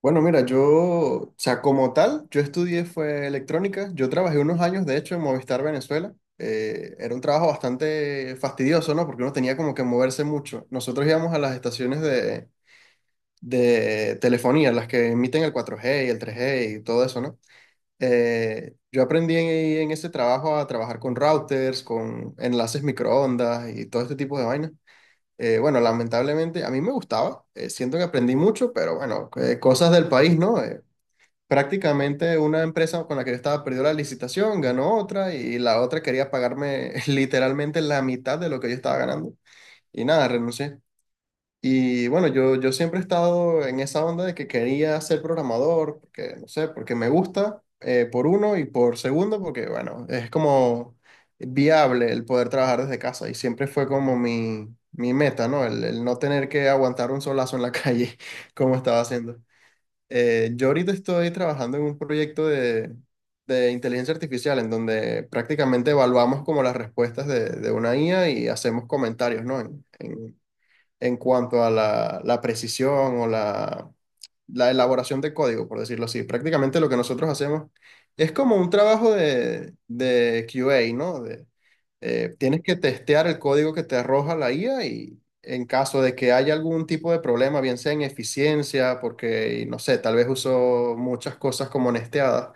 Bueno, mira, como tal, yo estudié fue electrónica. Yo trabajé unos años, de hecho, en Movistar Venezuela. Era un trabajo bastante fastidioso, ¿no? Porque uno tenía como que moverse mucho. Nosotros íbamos a las estaciones de telefonía, las que emiten el 4G y el 3G y todo eso, ¿no? Yo aprendí en ese trabajo a trabajar con routers, con enlaces microondas y todo este tipo de vainas. Bueno, Lamentablemente a mí me gustaba, siento que aprendí mucho, pero bueno, cosas del país, ¿no? Prácticamente una empresa con la que yo estaba perdió la licitación, ganó otra y la otra quería pagarme literalmente la mitad de lo que yo estaba ganando. Y nada, renuncié. Y bueno, yo siempre he estado en esa onda de que quería ser programador, porque no sé, porque me gusta, por uno y por segundo, porque bueno, es como viable el poder trabajar desde casa y siempre fue como mi meta, ¿no? El no tener que aguantar un solazo en la calle como estaba haciendo. Yo ahorita estoy trabajando en un proyecto de inteligencia artificial en donde prácticamente evaluamos como las respuestas de una IA y hacemos comentarios, ¿no? En cuanto a la precisión o la elaboración de código, por decirlo así. Prácticamente lo que nosotros hacemos es como un trabajo de QA, ¿no? Tienes que testear el código que te arroja la IA y en caso de que haya algún tipo de problema, bien sea en eficiencia, porque, no sé, tal vez uso muchas cosas como nesteadas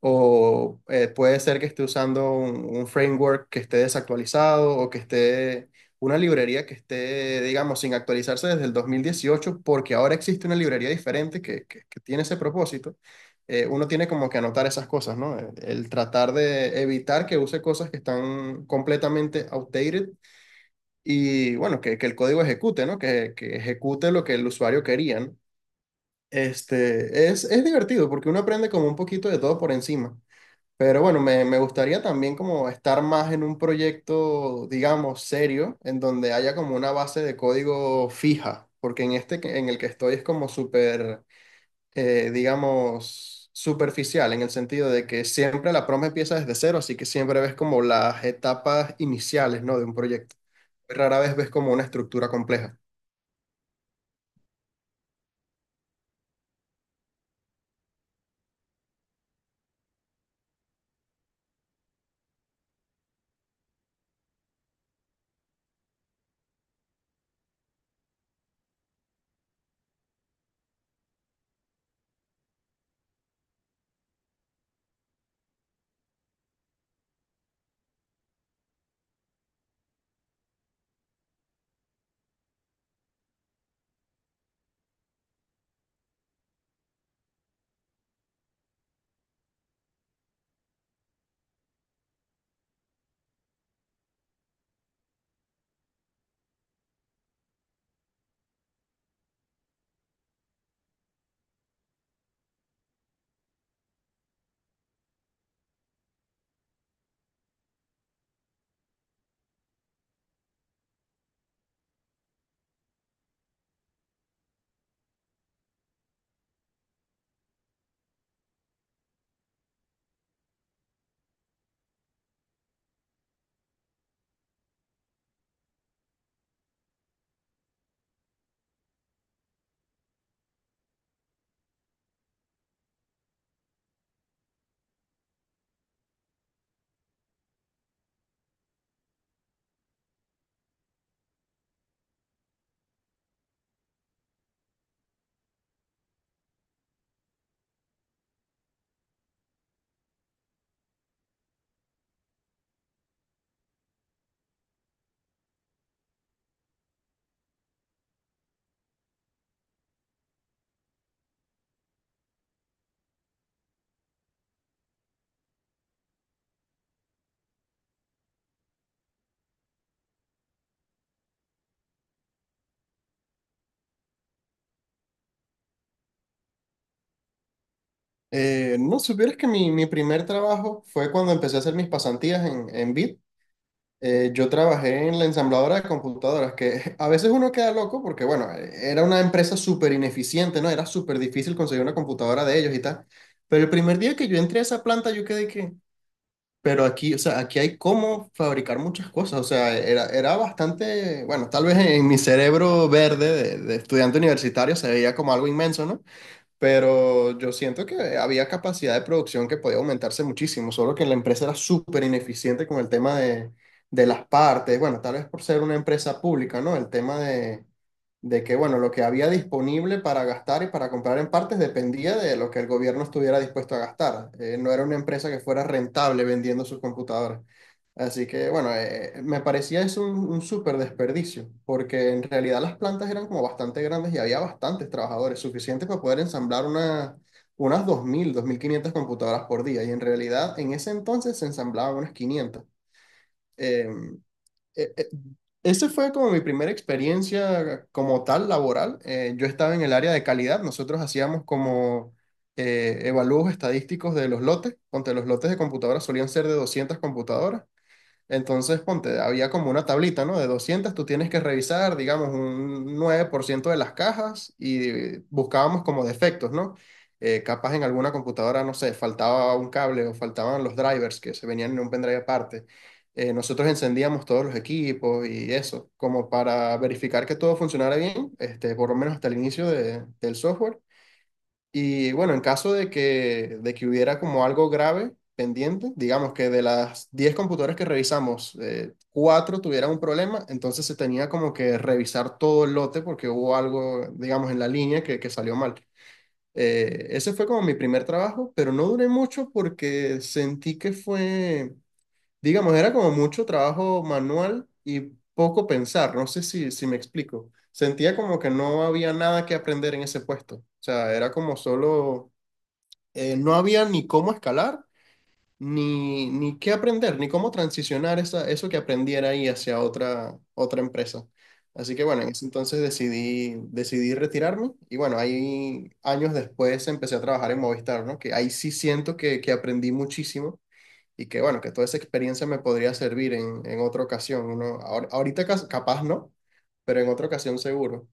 o puede ser que esté usando un framework que esté desactualizado o que esté una librería que esté, digamos, sin actualizarse desde el 2018 porque ahora existe una librería diferente que tiene ese propósito. Uno tiene como que anotar esas cosas, ¿no? El tratar de evitar que use cosas que están completamente outdated y, bueno, que el código ejecute, ¿no? Que ejecute lo que el usuario quería, ¿no? Este, es divertido porque uno aprende como un poquito de todo por encima. Pero bueno, me gustaría también como estar más en un proyecto, digamos, serio, en donde haya como una base de código fija, porque en en el que estoy es como súper, digamos, superficial, en el sentido de que siempre la prompt empieza desde cero, así que siempre ves como las etapas iniciales, ¿no? De un proyecto. Rara vez ves como una estructura compleja. No supieras que mi primer trabajo fue cuando empecé a hacer mis pasantías en Bit. Yo trabajé en la ensambladora de computadoras, que a veces uno queda loco porque, bueno, era una empresa súper ineficiente, ¿no? Era súper difícil conseguir una computadora de ellos y tal. Pero el primer día que yo entré a esa planta, yo quedé que, pero aquí, o sea, aquí hay cómo fabricar muchas cosas. O sea, era bastante, bueno, tal vez en mi cerebro verde de estudiante universitario se veía como algo inmenso, ¿no? Pero yo siento que había capacidad de producción que podía aumentarse muchísimo, solo que la empresa era súper ineficiente con el tema de las partes, bueno, tal vez por ser una empresa pública, ¿no? El tema de que, bueno, lo que había disponible para gastar y para comprar en partes dependía de lo que el gobierno estuviera dispuesto a gastar. No era una empresa que fuera rentable vendiendo sus computadoras. Así que bueno, me parecía eso un súper desperdicio, porque en realidad las plantas eran como bastante grandes y había bastantes trabajadores, suficiente para poder ensamblar unas 2, 2000, 2500 computadoras por día. Y en realidad en ese entonces se ensamblaban unas 500. Eh, eh, eh, Esa fue como mi primera experiencia como tal laboral. Yo estaba en el área de calidad, nosotros hacíamos como evalúos estadísticos de los lotes, donde los lotes de computadoras solían ser de 200 computadoras. Entonces, ponte, había como una tablita, ¿no? De 200, tú tienes que revisar, digamos, un 9% de las cajas y buscábamos como defectos, ¿no? Capaz en alguna computadora, no sé, faltaba un cable o faltaban los drivers que se venían en un pendrive aparte. Nosotros encendíamos todos los equipos y eso, como para verificar que todo funcionara bien, este, por lo menos hasta el del software. Y bueno, en caso de de que hubiera como algo grave pendiente, digamos que de las 10 computadoras que revisamos, 4 tuvieran un problema, entonces se tenía como que revisar todo el lote porque hubo algo, digamos, en la línea que salió mal. Ese fue como mi primer trabajo, pero no duré mucho porque sentí que fue, digamos, era como mucho trabajo manual y poco pensar, no sé si me explico. Sentía como que no había nada que aprender en ese puesto. O sea, era como solo no había ni cómo escalar, ni qué aprender, ni cómo transicionar esa, eso que aprendiera ahí hacia otra empresa. Así que bueno, en ese entonces decidí retirarme y bueno, ahí años después empecé a trabajar en Movistar, ¿no? Que ahí sí siento que aprendí muchísimo y que bueno, que toda esa experiencia me podría servir en otra ocasión, ¿no? Ahorita capaz no, pero en otra ocasión seguro.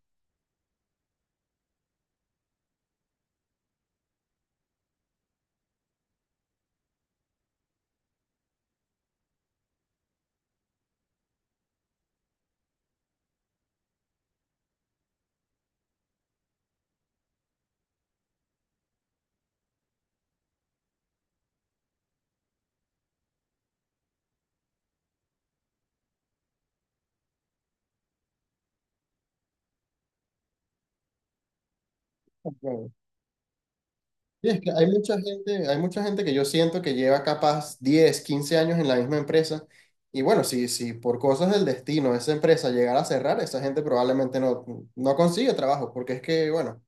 Sí, es que hay mucha gente que yo siento que lleva capaz 10, 15 años en la misma empresa. Y bueno, si por cosas del destino esa empresa llegara a cerrar, esa gente probablemente no, no consigue trabajo, porque es que, bueno,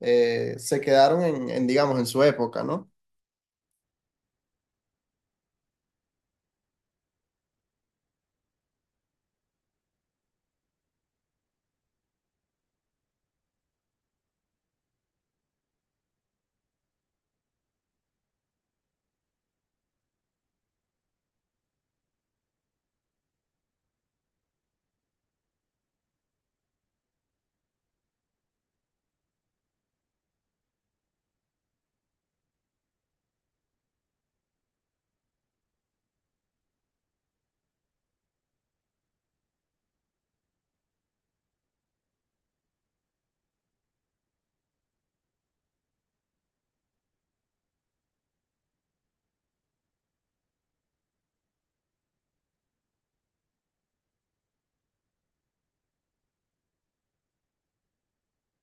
se quedaron digamos, en su época, ¿no?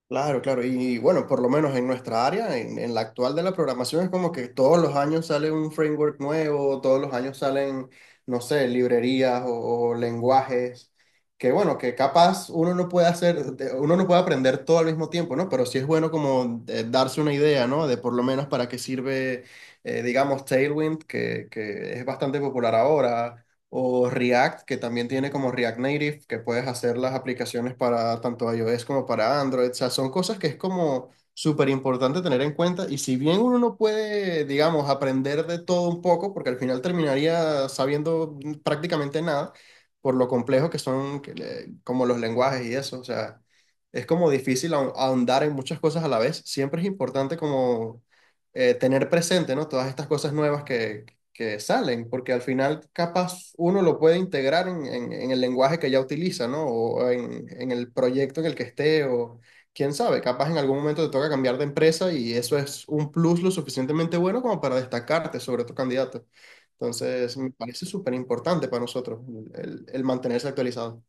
Claro, claro. Y bueno, por lo menos en nuestra área, en la actual de la programación, es como que todos los años sale un framework nuevo, todos los años salen, no sé, librerías o lenguajes, que bueno, que capaz uno no puede uno no puede aprender todo al mismo tiempo, ¿no? Pero sí es bueno como darse una idea, ¿no? De por lo menos para qué sirve, digamos, Tailwind, que es bastante popular ahora o React, que también tiene como React Native, que puedes hacer las aplicaciones para tanto iOS como para Android. O sea, son cosas que es como súper importante tener en cuenta. Y si bien uno no puede, digamos, aprender de todo un poco, porque al final terminaría sabiendo prácticamente nada, por lo complejo que son como los lenguajes y eso, o sea, es como difícil ahondar en muchas cosas a la vez. Siempre es importante como tener presente, ¿no? Todas estas cosas nuevas que salen, porque al final capaz uno lo puede integrar en el lenguaje que ya utiliza, ¿no? O en el proyecto en el que esté, o quién sabe, capaz en algún momento te toca cambiar de empresa y eso es un plus lo suficientemente bueno como para destacarte sobre tu candidato. Entonces, me parece súper importante para nosotros el mantenerse actualizado.